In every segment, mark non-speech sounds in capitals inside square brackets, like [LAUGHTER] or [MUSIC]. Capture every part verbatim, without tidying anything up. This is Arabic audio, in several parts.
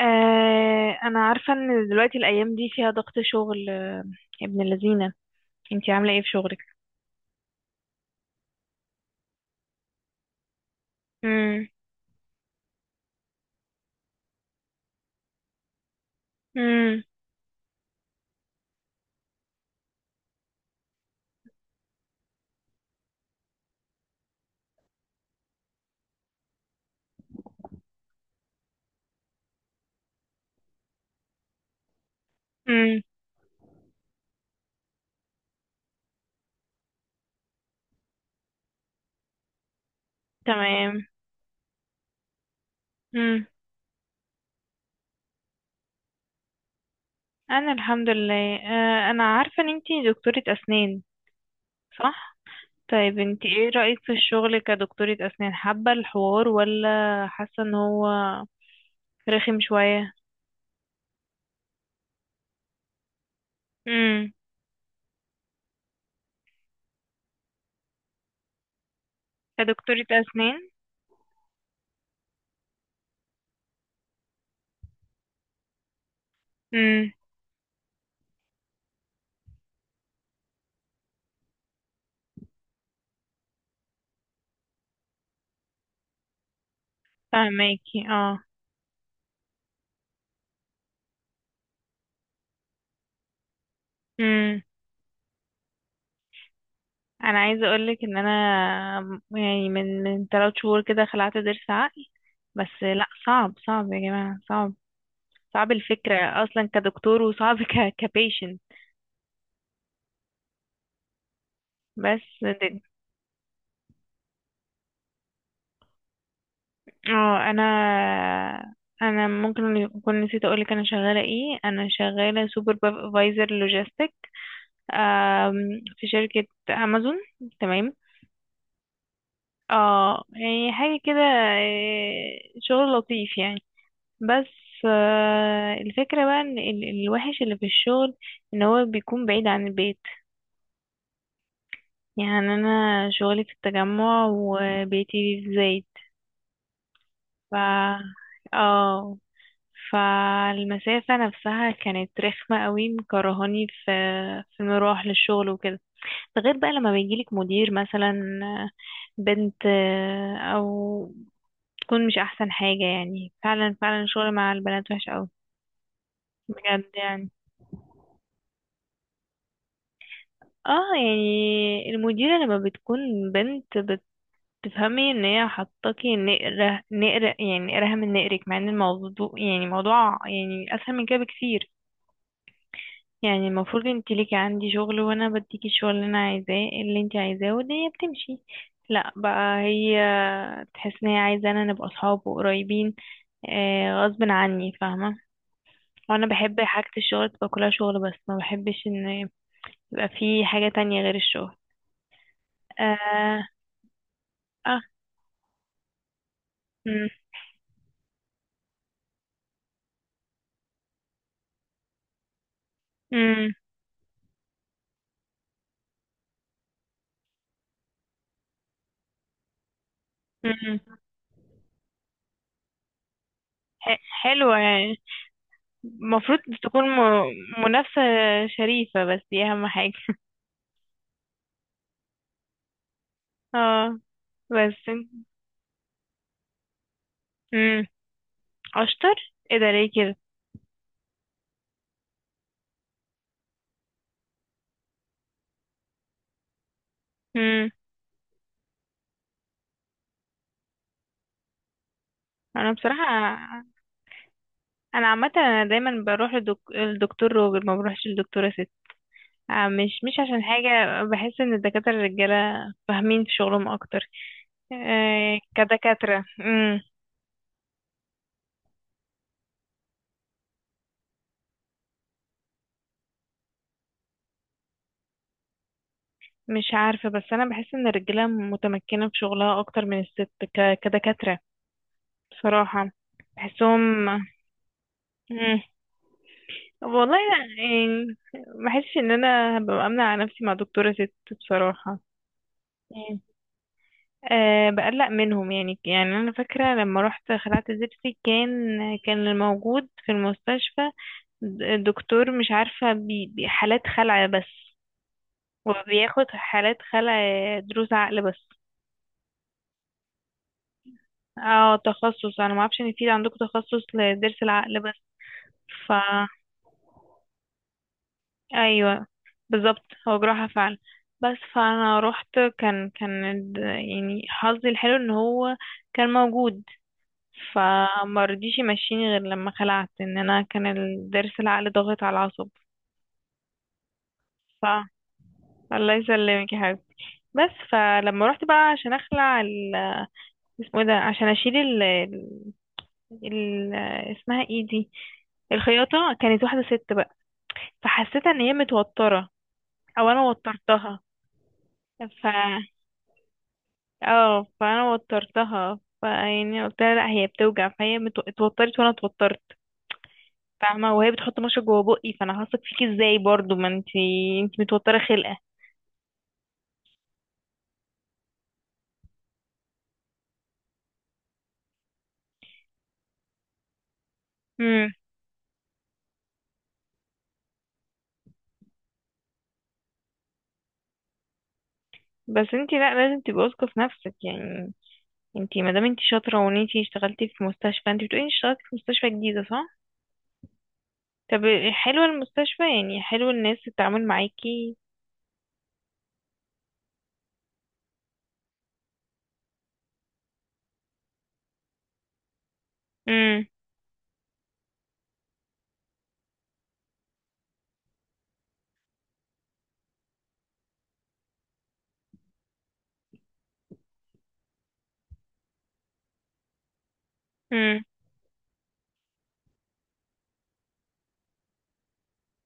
آه انا عارفه ان دلوقتي الايام دي فيها ضغط شغل آه، يا ابن اللذينه. انتي عامله ايه في شغلك؟ امم. امم. امم. تمام. امم. انا الحمد لله. آه انا عارفه ان انتي دكتوره اسنان، صح؟ طيب انتي ايه رايك في الشغل كدكتوره اسنان؟ حابه الحوار ولا حاسه ان هو رخم شويه؟ امم. كدكتوره اسنان. امم. فهماكي. اه، انا عايزه اقولك ان انا يعني من من ثلاث شهور كده خلعت ضرس عقل، بس لا، صعب صعب يا جماعه، صعب. صعب الفكره اصلا كدكتور، وصعب [LAUGHS] ك كبيشنت. بس د- اه انا، انا ممكن اكون نسيت اقولك انا شغاله ايه. انا شغاله سوبرفايزر لوجيستيك في شركه امازون. تمام. اه يعني حاجه كده، آه، شغل لطيف يعني. بس آه، الفكرة بقى ان ال- الوحش اللي في الشغل ان هو بيكون بعيد عن البيت. يعني انا شغلي في التجمع وبيتي في الزايد. ف اه، فالمسافة نفسها كانت رخمة قوي، مكرهاني في في المروح للشغل وكده. ده غير بقى لما بيجيلك مدير مثلا بنت، آه، او تكون مش احسن حاجة. يعني فعلا فعلا الشغل مع البنات وحش قوي، بجد يعني. اه، يعني المديرة لما بتكون بنت، بتفهمي ان هي حطاكي نقرة نقرة، يعني نقرها من نقرك، مع ان الموضوع يعني موضوع يعني اسهل من كده بكتير. يعني المفروض انت ليكي عندي شغل وانا بديكي الشغل اللي انا عايزاه، اللي انت عايزاه، والدنيا بتمشي. لا بقى، هي تحس ان هي عايزة انا نبقى اصحاب وقريبين، آه غصب عني، فاهمة؟ وانا بحب حاجة الشغل تبقى كلها شغل، بس ما بحبش ان يبقى في حاجة تانية غير الشغل. آه. مم. مم. مم. ح- حلوة يعني، المفروض تكون م- منافسة شريفة، بس دي أهم حاجة. اه بس. مم. أشطر ايه؟ ده ليه كده؟ مم. أنا بصراحة، أنا عامة أنا دايما بروح لدك... للدكتور راجل، ما بروحش للدكتورة ست، آه، مش مش عشان حاجة. بحس إن الدكاترة الرجالة فاهمين في شغلهم أكتر، آه، كدكاترة. مش عارفة، بس أنا بحس إن الرجالة متمكنة في شغلها أكتر من الست، ك... كدكاترة، بصراحة. بحسهم. مم. والله لا يعني. ما بحسش إن أنا هبقى أمنع على نفسي مع دكتورة ست، بصراحة. مم. أه بقلق منهم يعني. يعني أنا فاكرة لما رحت خلعت زبسي، كان كان الموجود في المستشفى د- الدكتور، مش عارفة بي... بي- حالات خلع بس، وبياخد حالات خلع دروس عقل بس. اه، تخصص. انا ما اعرفش ان في عندكم تخصص لضرس العقل بس. ف ايوه، بالظبط هو جراحة فعلا. بس فانا رحت، كان كان الد- يعني حظي الحلو ان هو كان موجود، فما رضيش يمشيني غير لما خلعت، ان انا كان الضرس العقل ضاغط على العصب. ف الله يسلمك يا حبيبتي. بس فلما رحت بقى عشان اخلع ال... اسمه ايه ده، عشان اشيل ال... ال... ال... اسمها ايه دي، الخياطة، كانت واحدة ست. فحسيت ان هي متوترة او انا وترتها. ف اه، فانا وترتها. فيعني قلت لها لا، هي بتوجع، فهي مت... اتوترت وانا اتوترت، فاهمة؟ وهي بتحط مشط جوه بقي، فانا هثق فيكي ازاي برضو؟ ما انتي انتي متوترة خلقة. امم. بس انتي لا، لازم تبقي واثقة في نفسك يعني. انتي مادام انتي شاطرة وان انتي اشتغلتي في مستشفى، انتي بتقولي انتي اشتغلتي في مستشفى جديدة، صح؟ طب حلوة المستشفى يعني؟ حلو الناس التعامل معاكي؟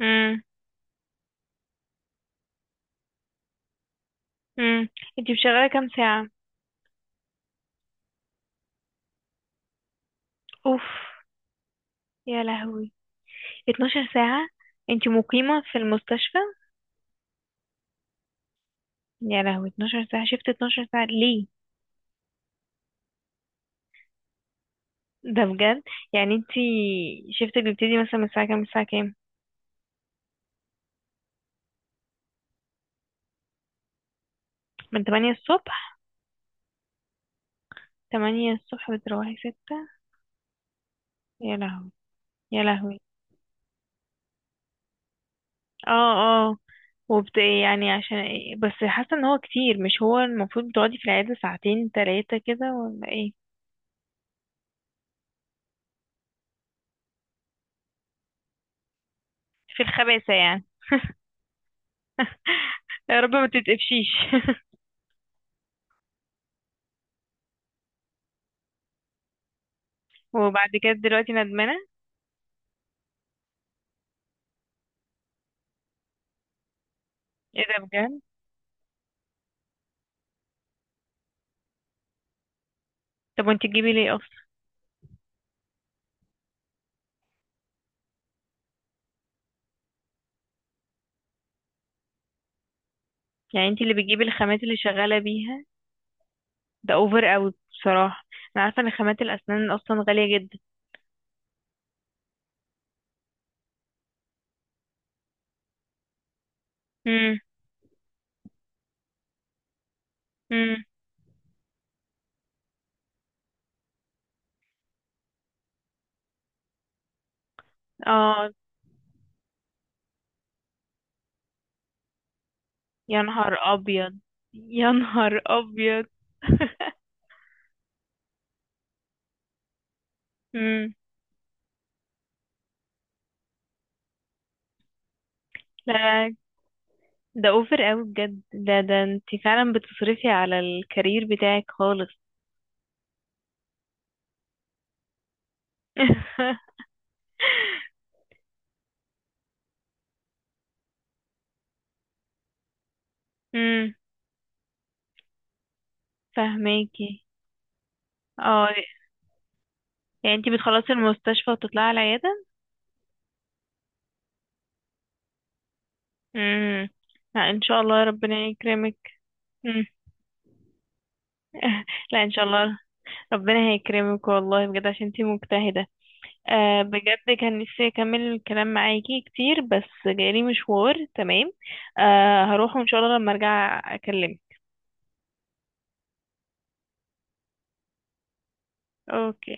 امم. امم. انتي شغاله كام ساعه؟ اوف، يا لهوي، اتناشر ساعه؟ انتي مقيمه في المستشفى؟ يا لهوي، اتناشر ساعه. شفت اثنا عشر ساعه ليه؟ ده بجد؟ يعني انتي شفتك بيبتدي مثلا من الساعه كام الساعه كام؟ من تمانية الصبح؟ تمانية الصبح بتروحي ستة؟ يا لهوي. يا لهوي. اه. اه. وبت يعني عشان ايه بس؟ حاسه ان هو كتير. مش هو المفروض تقعدي في العياده ساعتين تلاتة كده ولا ايه؟ في الخباثه يعني. [LAUGHS] يا رب ما تتقفشيش. [LAUGHS] وبعد كده دلوقتي ندمانة؟ ايه ده؟ بجد؟ طب وانت تجيبي ليه اصلا؟ يعني انت اللي بتجيبي الخامات اللي شغالة بيها؟ ده اوفر قوي بصراحة. انا عارفة ان خامات الاسنان اصلا غالية جدا. امم. امم. اه. يا نهار ابيض. يا نهار ابيض. امم. لا، ده اوفر قوي بجد. ده ده انت فعلا بتصرفي على الكارير بتاعك خالص. [LAUGHS] امم. فهماكي. اه يعني انت بتخلصي المستشفى وتطلعي على العيادة؟ امم. لا ان شاء الله، ربنا يكرمك. مم. [LAUGHS] لا ان شاء الله، ربنا هيكرمك والله بجد، عشان انتي مجتهدة. آه بجد كان نفسي اكمل الكلام معاكي كتير، بس جالي مشوار. تمام، آه هروح، وان شاء الله لما ارجع اكلمك. اوكي.